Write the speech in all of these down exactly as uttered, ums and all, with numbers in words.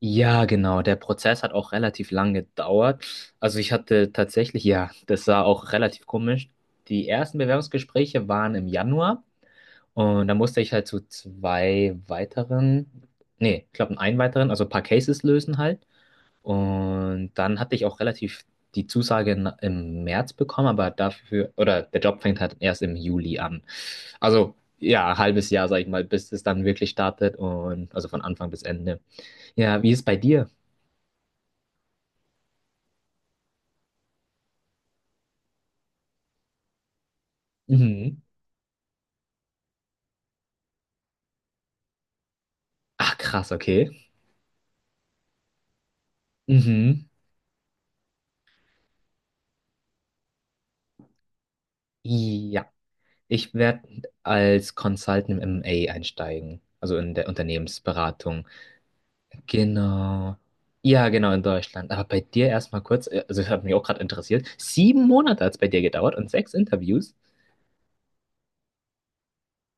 Ja, genau. Der Prozess hat auch relativ lang gedauert. Also ich hatte tatsächlich, ja, das war auch relativ komisch. Die ersten Bewerbungsgespräche waren im Januar und da musste ich halt zu zwei weiteren, nee, ich glaube einen weiteren, also ein paar Cases lösen halt. Und dann hatte ich auch relativ die Zusage in, im März bekommen, aber dafür, oder der Job fängt halt erst im Juli an. Also ja, ein halbes Jahr, sag ich mal, bis es dann wirklich startet und also von Anfang bis Ende. Ja, wie ist es bei dir? Mhm. Ach, krass, okay. Mhm. Ja, ich werde als Consultant im M und A einsteigen, also in der Unternehmensberatung. Genau. Ja, genau, in Deutschland. Aber bei dir erstmal kurz, äh, also das hat mich auch gerade interessiert. Sieben Monate hat es bei dir gedauert und sechs Interviews.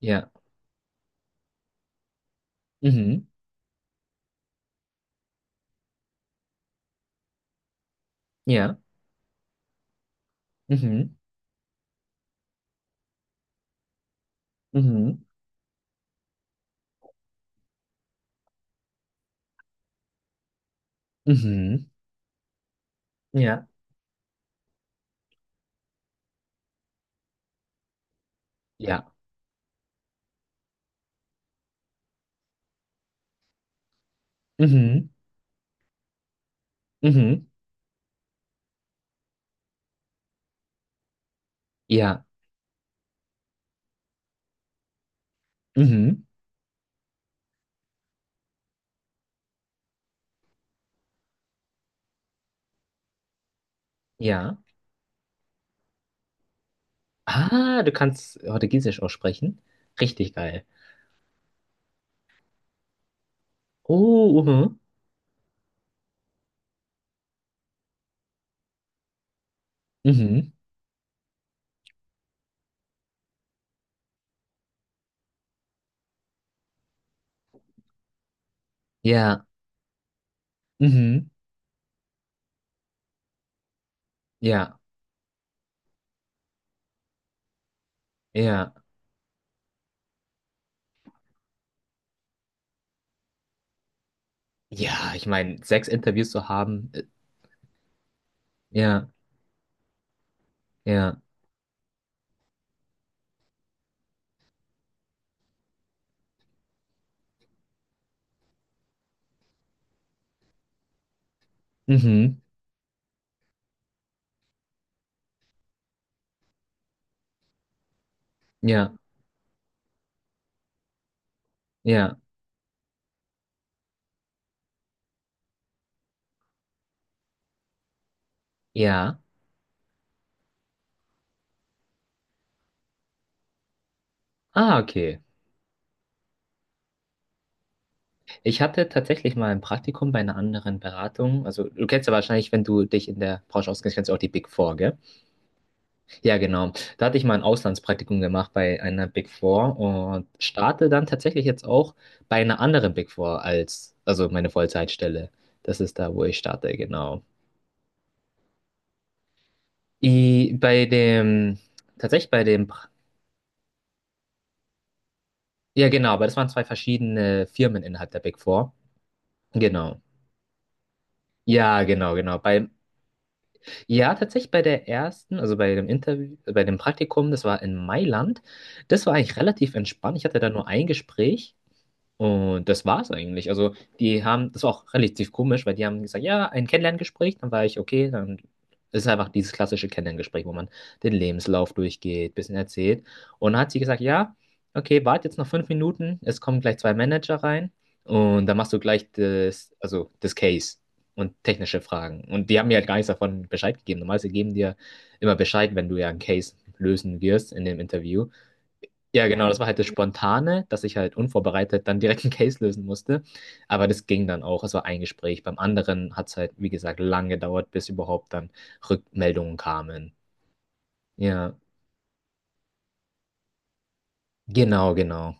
Ja. Mhm. Ja. Mhm. Mhm. Mhm. Ja. Ja. Mhm. Mhm. Ja. Mhm. Ja. Ah, du kannst Portugiesisch aussprechen. Richtig geil. Oh, mhm. Mhm. Ja. Mhm. Ja. Ja. Ja, ich meine, sechs Interviews zu haben. äh, Ja. Ja. Mhm. Ja. Ja. Ja. Ah, okay. Ich hatte tatsächlich mal ein Praktikum bei einer anderen Beratung. Also, du kennst ja wahrscheinlich, wenn du dich in der Branche auskennst, kennst du auch die Big Four, gell? Ja, genau. Da hatte ich mal ein Auslandspraktikum gemacht bei einer Big Four und starte dann tatsächlich jetzt auch bei einer anderen Big Four als, also meine Vollzeitstelle. Das ist da, wo ich starte, genau. I, bei dem, tatsächlich bei dem, Pr- ja genau, aber das waren zwei verschiedene Firmen innerhalb der Big Four. Genau. Ja, genau, genau. Bei, ja, tatsächlich bei der ersten, also bei dem Interview, bei dem Praktikum, das war in Mailand. Das war eigentlich relativ entspannt. Ich hatte da nur ein Gespräch. Und das war's eigentlich. Also, die haben, das war auch relativ komisch, weil die haben gesagt, ja, ein Kennenlerngespräch, dann war ich, okay, dann ist einfach dieses klassische Kennenlerngespräch, wo man den Lebenslauf durchgeht, bisschen erzählt. Und dann hat sie gesagt, ja, okay, warte jetzt noch fünf Minuten, es kommen gleich zwei Manager rein und dann machst du gleich das, also das Case und technische Fragen. Und die haben mir halt gar nichts davon Bescheid gegeben. Normalerweise geben die ja immer Bescheid, wenn du ja einen Case lösen wirst in dem Interview. Ja, genau, das war halt das Spontane, dass ich halt unvorbereitet dann direkt einen Case lösen musste. Aber das ging dann auch. Es war ein Gespräch. Beim anderen hat es halt, wie gesagt, lange gedauert, bis überhaupt dann Rückmeldungen kamen. Ja, genau, genau.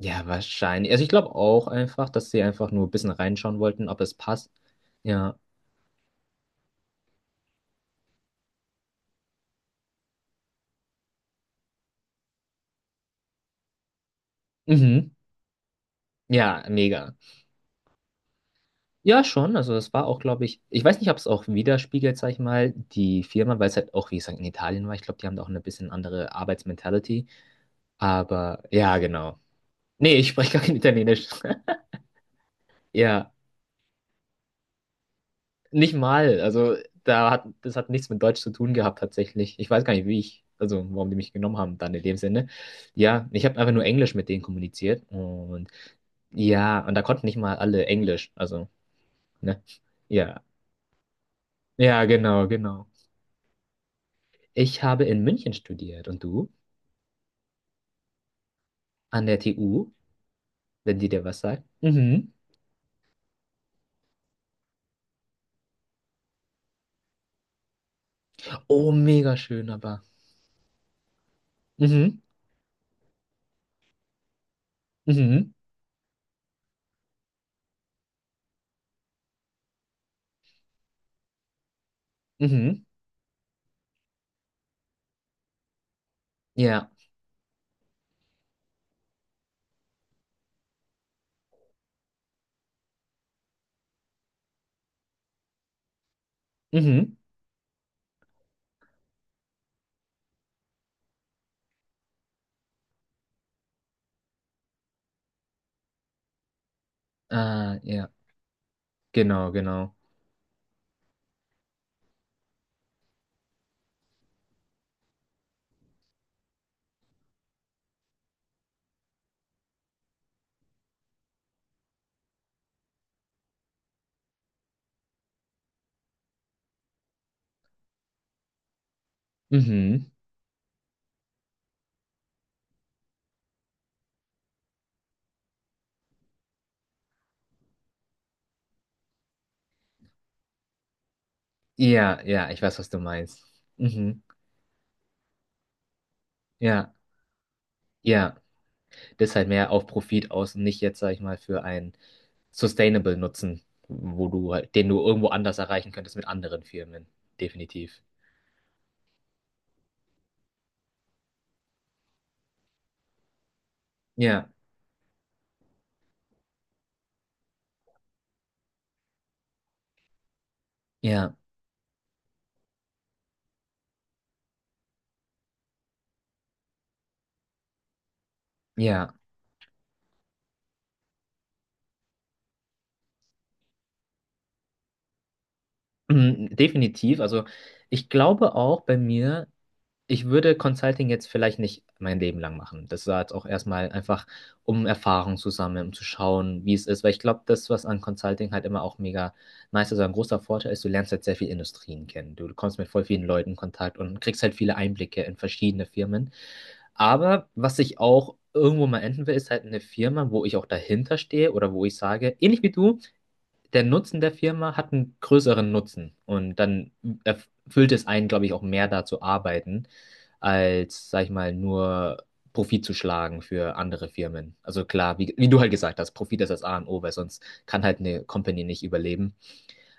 Ja, wahrscheinlich. Also ich glaube auch einfach, dass sie einfach nur ein bisschen reinschauen wollten, ob es passt. Ja. Mhm. Ja, mega. Ja, schon. Also es war auch, glaube ich, ich weiß nicht, ob es auch widerspiegelt, sag ich mal, die Firma, weil es halt auch, wie gesagt, in Italien war. Ich glaube, die haben da auch eine bisschen andere Arbeitsmentality. Aber ja, genau. Nee, ich spreche gar kein Italienisch. Ja, nicht mal. Also da hat das hat nichts mit Deutsch zu tun gehabt tatsächlich. Ich weiß gar nicht, wie ich, also warum die mich genommen haben dann in dem Sinne. Ja, ich habe einfach nur Englisch mit denen kommuniziert und ja, und da konnten nicht mal alle Englisch. Also, ne? Ja. Ja, genau, genau. Ich habe in München studiert und du? An der T U, wenn die dir was sagt. Mhm. Oh, mega schön, aber. Mhm. Mhm. Mhm. Ja. Mhm. Ah, ja. Genau, genau. Mhm. Ja, ja, ich weiß, was du meinst. Mhm. Ja, ja. Das ist halt mehr auf Profit aus und nicht jetzt, sag ich mal, für einen Sustainable Nutzen, wo du halt, den du irgendwo anders erreichen könntest mit anderen Firmen. Definitiv. Ja, ja, ja. Mhm, definitiv. Also ich glaube auch bei mir. Ich würde Consulting jetzt vielleicht nicht mein Leben lang machen. Das war jetzt auch erstmal einfach, um Erfahrung zu sammeln, um zu schauen, wie es ist. Weil ich glaube, das, was an Consulting halt immer auch mega nice ist, oder ein großer Vorteil ist, du lernst halt sehr viele Industrien kennen. Du kommst mit voll vielen Leuten in Kontakt und kriegst halt viele Einblicke in verschiedene Firmen. Aber was ich auch irgendwo mal enden will, ist halt eine Firma, wo ich auch dahinter stehe oder wo ich sage, ähnlich wie du, der Nutzen der Firma hat einen größeren Nutzen und dann erfüllt es einen, glaube ich, auch mehr da zu arbeiten, als, sag ich mal, nur Profit zu schlagen für andere Firmen. Also klar, wie, wie du halt gesagt hast, Profit ist das A und O, weil sonst kann halt eine Company nicht überleben.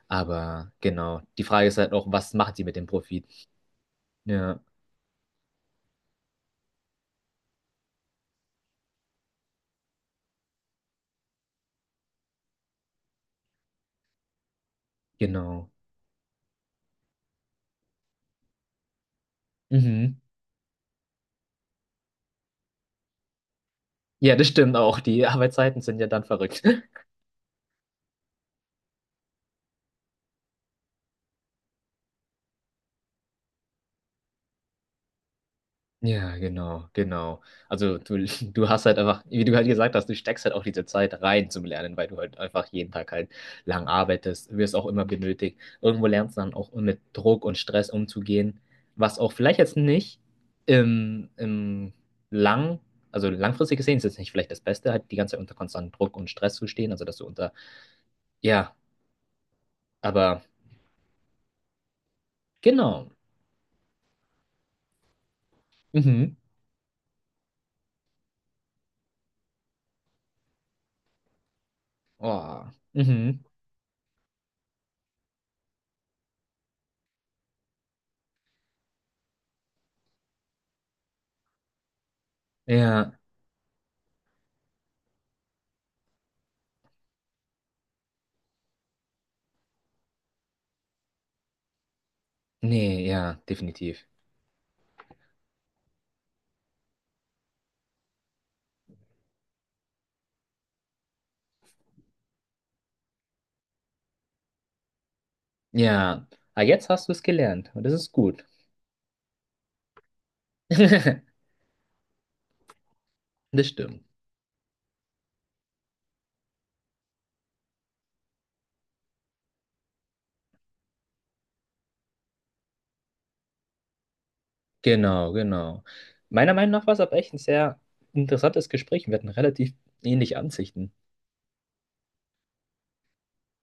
Aber genau, die Frage ist halt auch, was macht sie mit dem Profit? Ja, genau. Mhm. Ja, das stimmt auch. Die Arbeitszeiten sind ja dann verrückt. Ja, genau, genau. Also du, du hast halt einfach, wie du halt gesagt hast, du steckst halt auch diese Zeit rein zum Lernen, weil du halt einfach jeden Tag halt lang arbeitest, wirst auch immer benötigt. Irgendwo lernst du dann auch mit Druck und Stress umzugehen, was auch vielleicht jetzt nicht im, im lang, also langfristig gesehen ist jetzt nicht vielleicht das Beste, halt die ganze Zeit unter konstantem Druck und Stress zu stehen, also dass du unter, ja, aber genau. Mhm. Oh, mhm. Ja, nee, ja, definitiv. Ja, aber jetzt hast du es gelernt und das ist gut. Das stimmt. Genau, genau. Meiner Meinung nach war es aber echt ein sehr interessantes Gespräch. Wir hatten relativ ähnliche Ansichten.